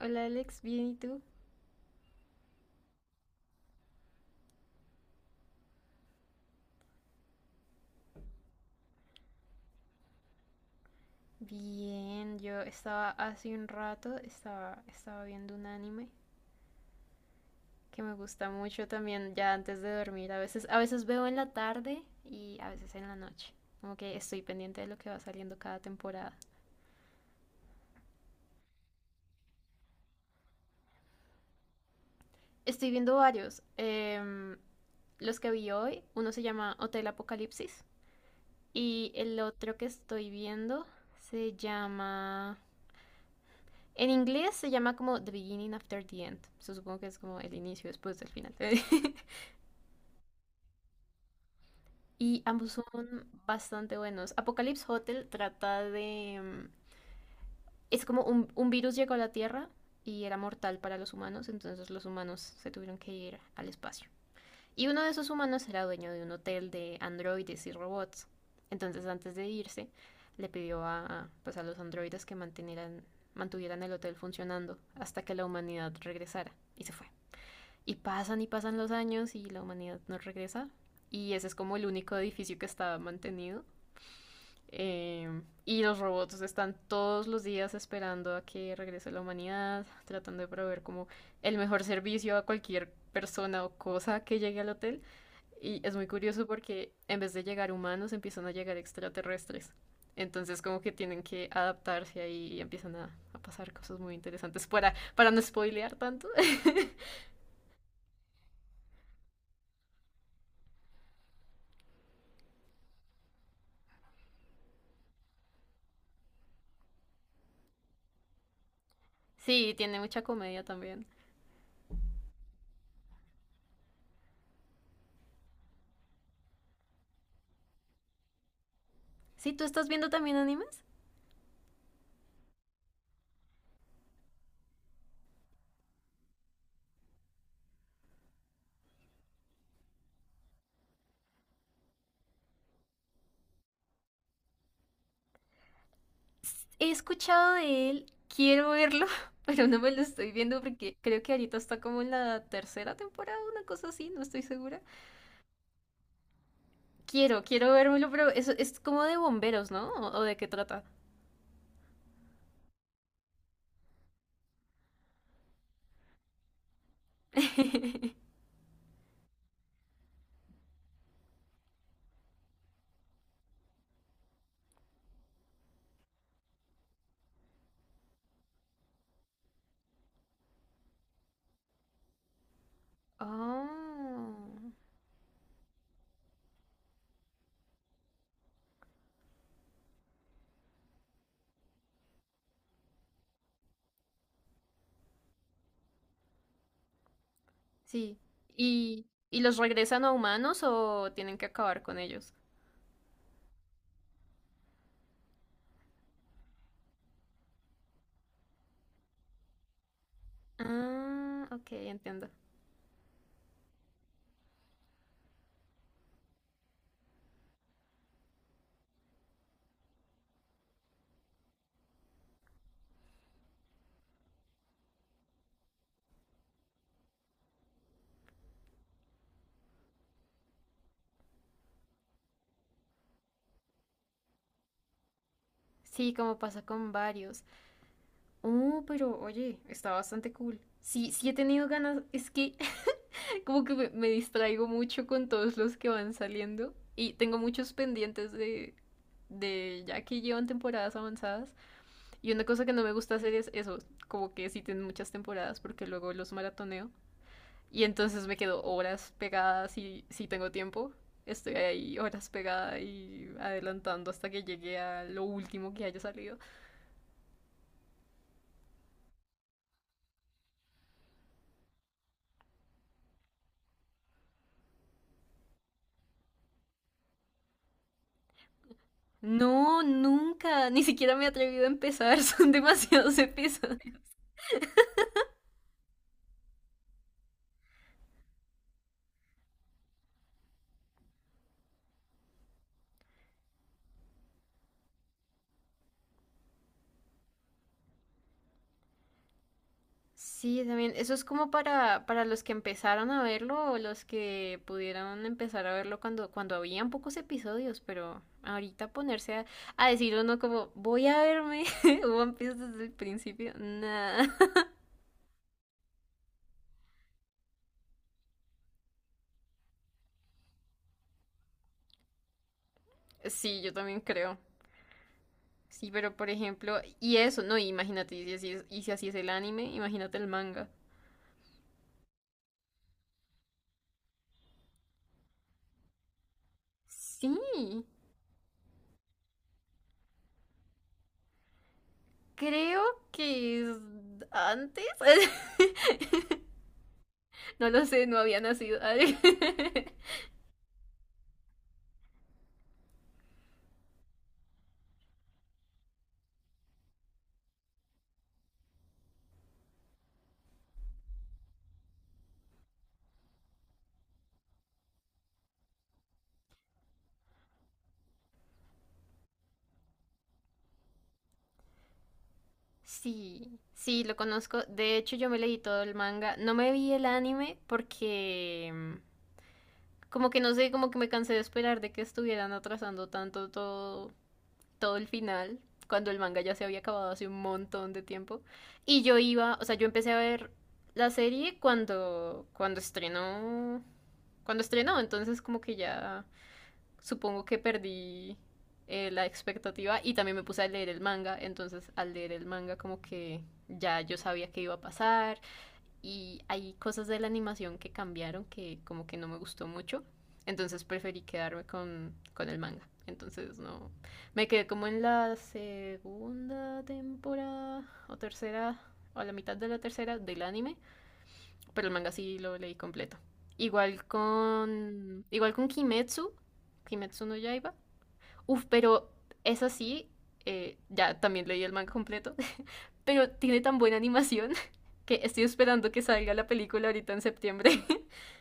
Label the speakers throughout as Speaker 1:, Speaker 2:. Speaker 1: Hola Alex, ¿bien y tú? Bien, yo estaba hace un rato, estaba viendo un anime que me gusta mucho también ya antes de dormir. A veces veo en la tarde y a veces en la noche. Como que estoy pendiente de lo que va saliendo cada temporada. Estoy viendo varios. Los que vi hoy, uno se llama Hotel Apocalipsis y el otro que estoy viendo se llama en inglés se llama como The Beginning After the End. So, supongo que es como el inicio después del final. Y ambos son bastante buenos. Apocalypse Hotel trata de. Es como un virus llegó a la Tierra y era mortal para los humanos, entonces los humanos se tuvieron que ir al espacio. Y uno de esos humanos era dueño de un hotel de androides y robots. Entonces, antes de irse, le pidió pues, a los androides que mantuvieran el hotel funcionando hasta que la humanidad regresara. Y se fue. Y pasan los años y la humanidad no regresa. Y ese es como el único edificio que está mantenido. Eh, y los robots están todos los días esperando a que regrese la humanidad, tratando de proveer como el mejor servicio a cualquier persona o cosa que llegue al hotel. Y es muy curioso porque en vez de llegar humanos empiezan a llegar extraterrestres. Entonces como que tienen que adaptarse ahí y empiezan a pasar cosas muy interesantes para no spoilear tanto. Sí, tiene mucha comedia también. Sí, ¿tú estás viendo también animes? He escuchado de él, quiero verlo, pero no me lo estoy viendo porque creo que ahorita está como en la tercera temporada, una cosa así, no estoy segura. Quiero vérmelo, pero eso es como de bomberos, ¿no? O de qué trata? Oh, sí. Y los regresan a humanos o tienen que acabar con ellos? Ah, ok, entiendo. Sí, como pasa con varios. Pero oye, está bastante cool. Sí, sí he tenido ganas. Es que como que me distraigo mucho con todos los que van saliendo. Y tengo muchos pendientes de ya que llevan temporadas avanzadas. Y una cosa que no me gusta hacer es eso, como que si tienen muchas temporadas porque luego los maratoneo. Y entonces me quedo horas pegadas y si tengo tiempo, estoy ahí horas pegada y adelantando hasta que llegue a lo último que haya salido. No, nunca, ni siquiera me he atrevido a empezar, son demasiados episodios. Sí, también. Eso es como para los que empezaron a verlo o los que pudieron empezar a verlo cuando, cuando habían pocos episodios, pero ahorita ponerse a decir uno como, voy a verme One Piece desde el principio, nada. Sí, yo también creo. Sí, pero por ejemplo, y eso, no, imagínate, y si así es, y si así es el anime, imagínate el manga. Sí, creo que es antes. No lo sé, no había nacido. Sí, sí, lo conozco. De hecho, yo me leí todo el manga. No me vi el anime porque como que no sé, como que me cansé de esperar de que estuvieran atrasando tanto todo el final, cuando el manga ya se había acabado hace un montón de tiempo. Y yo iba, o sea, yo empecé a ver la serie cuando estrenó, entonces como que ya supongo que perdí la expectativa y también me puse a leer el manga, entonces al leer el manga como que ya yo sabía qué iba a pasar y hay cosas de la animación que cambiaron que como que no me gustó mucho, entonces preferí quedarme con el manga. Entonces no. Me quedé como en la segunda temporada o tercera o a la mitad de la tercera del anime, pero el manga sí lo leí completo. Igual con Kimetsu no Yaiba. Uf, pero es así. Ya también leí el manga completo. Pero tiene tan buena animación que estoy esperando que salga la película ahorita en septiembre.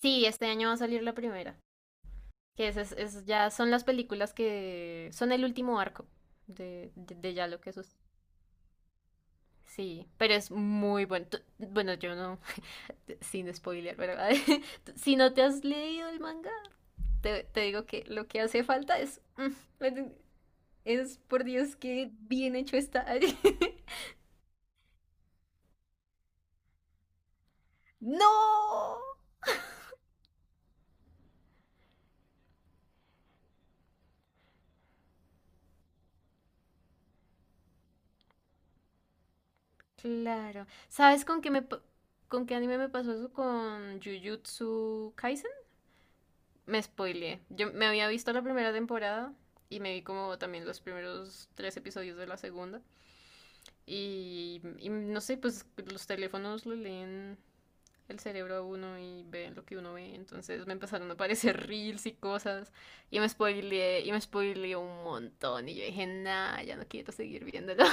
Speaker 1: Sí, este año va a salir la primera. Que es, ya son las películas que son el último arco de ya lo que sus. Sí, pero es muy bueno. Bueno, yo no, sin spoiler, ¿verdad? Si no te has leído el manga, te digo que lo que hace falta es es por Dios que bien hecho está. ¡No! Claro. ¿Sabes con qué anime me pasó eso con Jujutsu Kaisen? Me spoileé. Yo me había visto la primera temporada y me vi como también los primeros tres episodios de la segunda. Y no sé, pues los teléfonos lo leen el cerebro a uno y ven lo que uno ve. Entonces me empezaron a aparecer reels y cosas. Y me spoileé un montón. Y yo dije, nah, ya no quiero seguir viéndolo.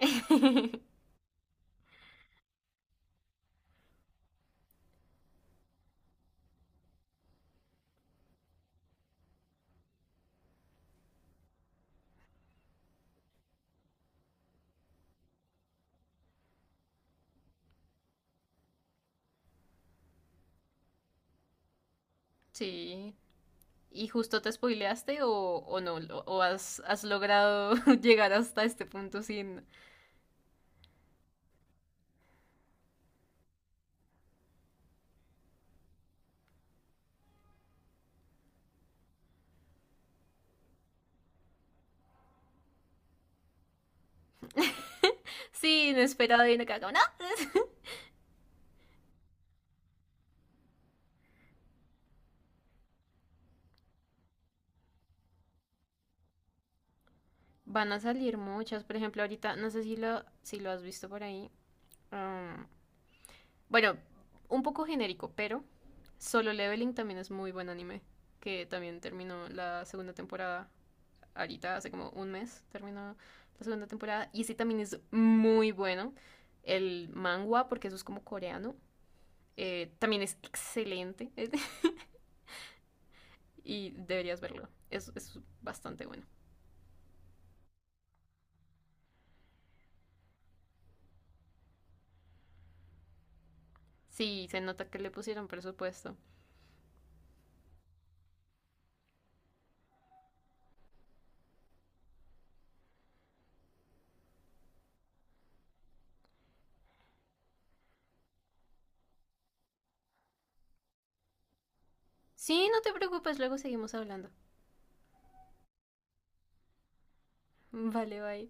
Speaker 1: Sí. ¿Y justo te spoileaste o no? ¿O has logrado llegar hasta este punto sin esperar y no cago, no? Van a salir muchas. Por ejemplo, ahorita, no sé si lo has visto por ahí. mm, Bueno, un poco genérico, pero Solo Leveling también es muy buen anime, que también terminó la segunda temporada ahorita, hace como un mes terminó la segunda temporada, y ese también es muy bueno. El manga, porque eso es como coreano, también es excelente y deberías verlo, es bastante bueno. Sí, se nota que le pusieron presupuesto. Sí, no te preocupes, luego seguimos hablando. Vale, bye.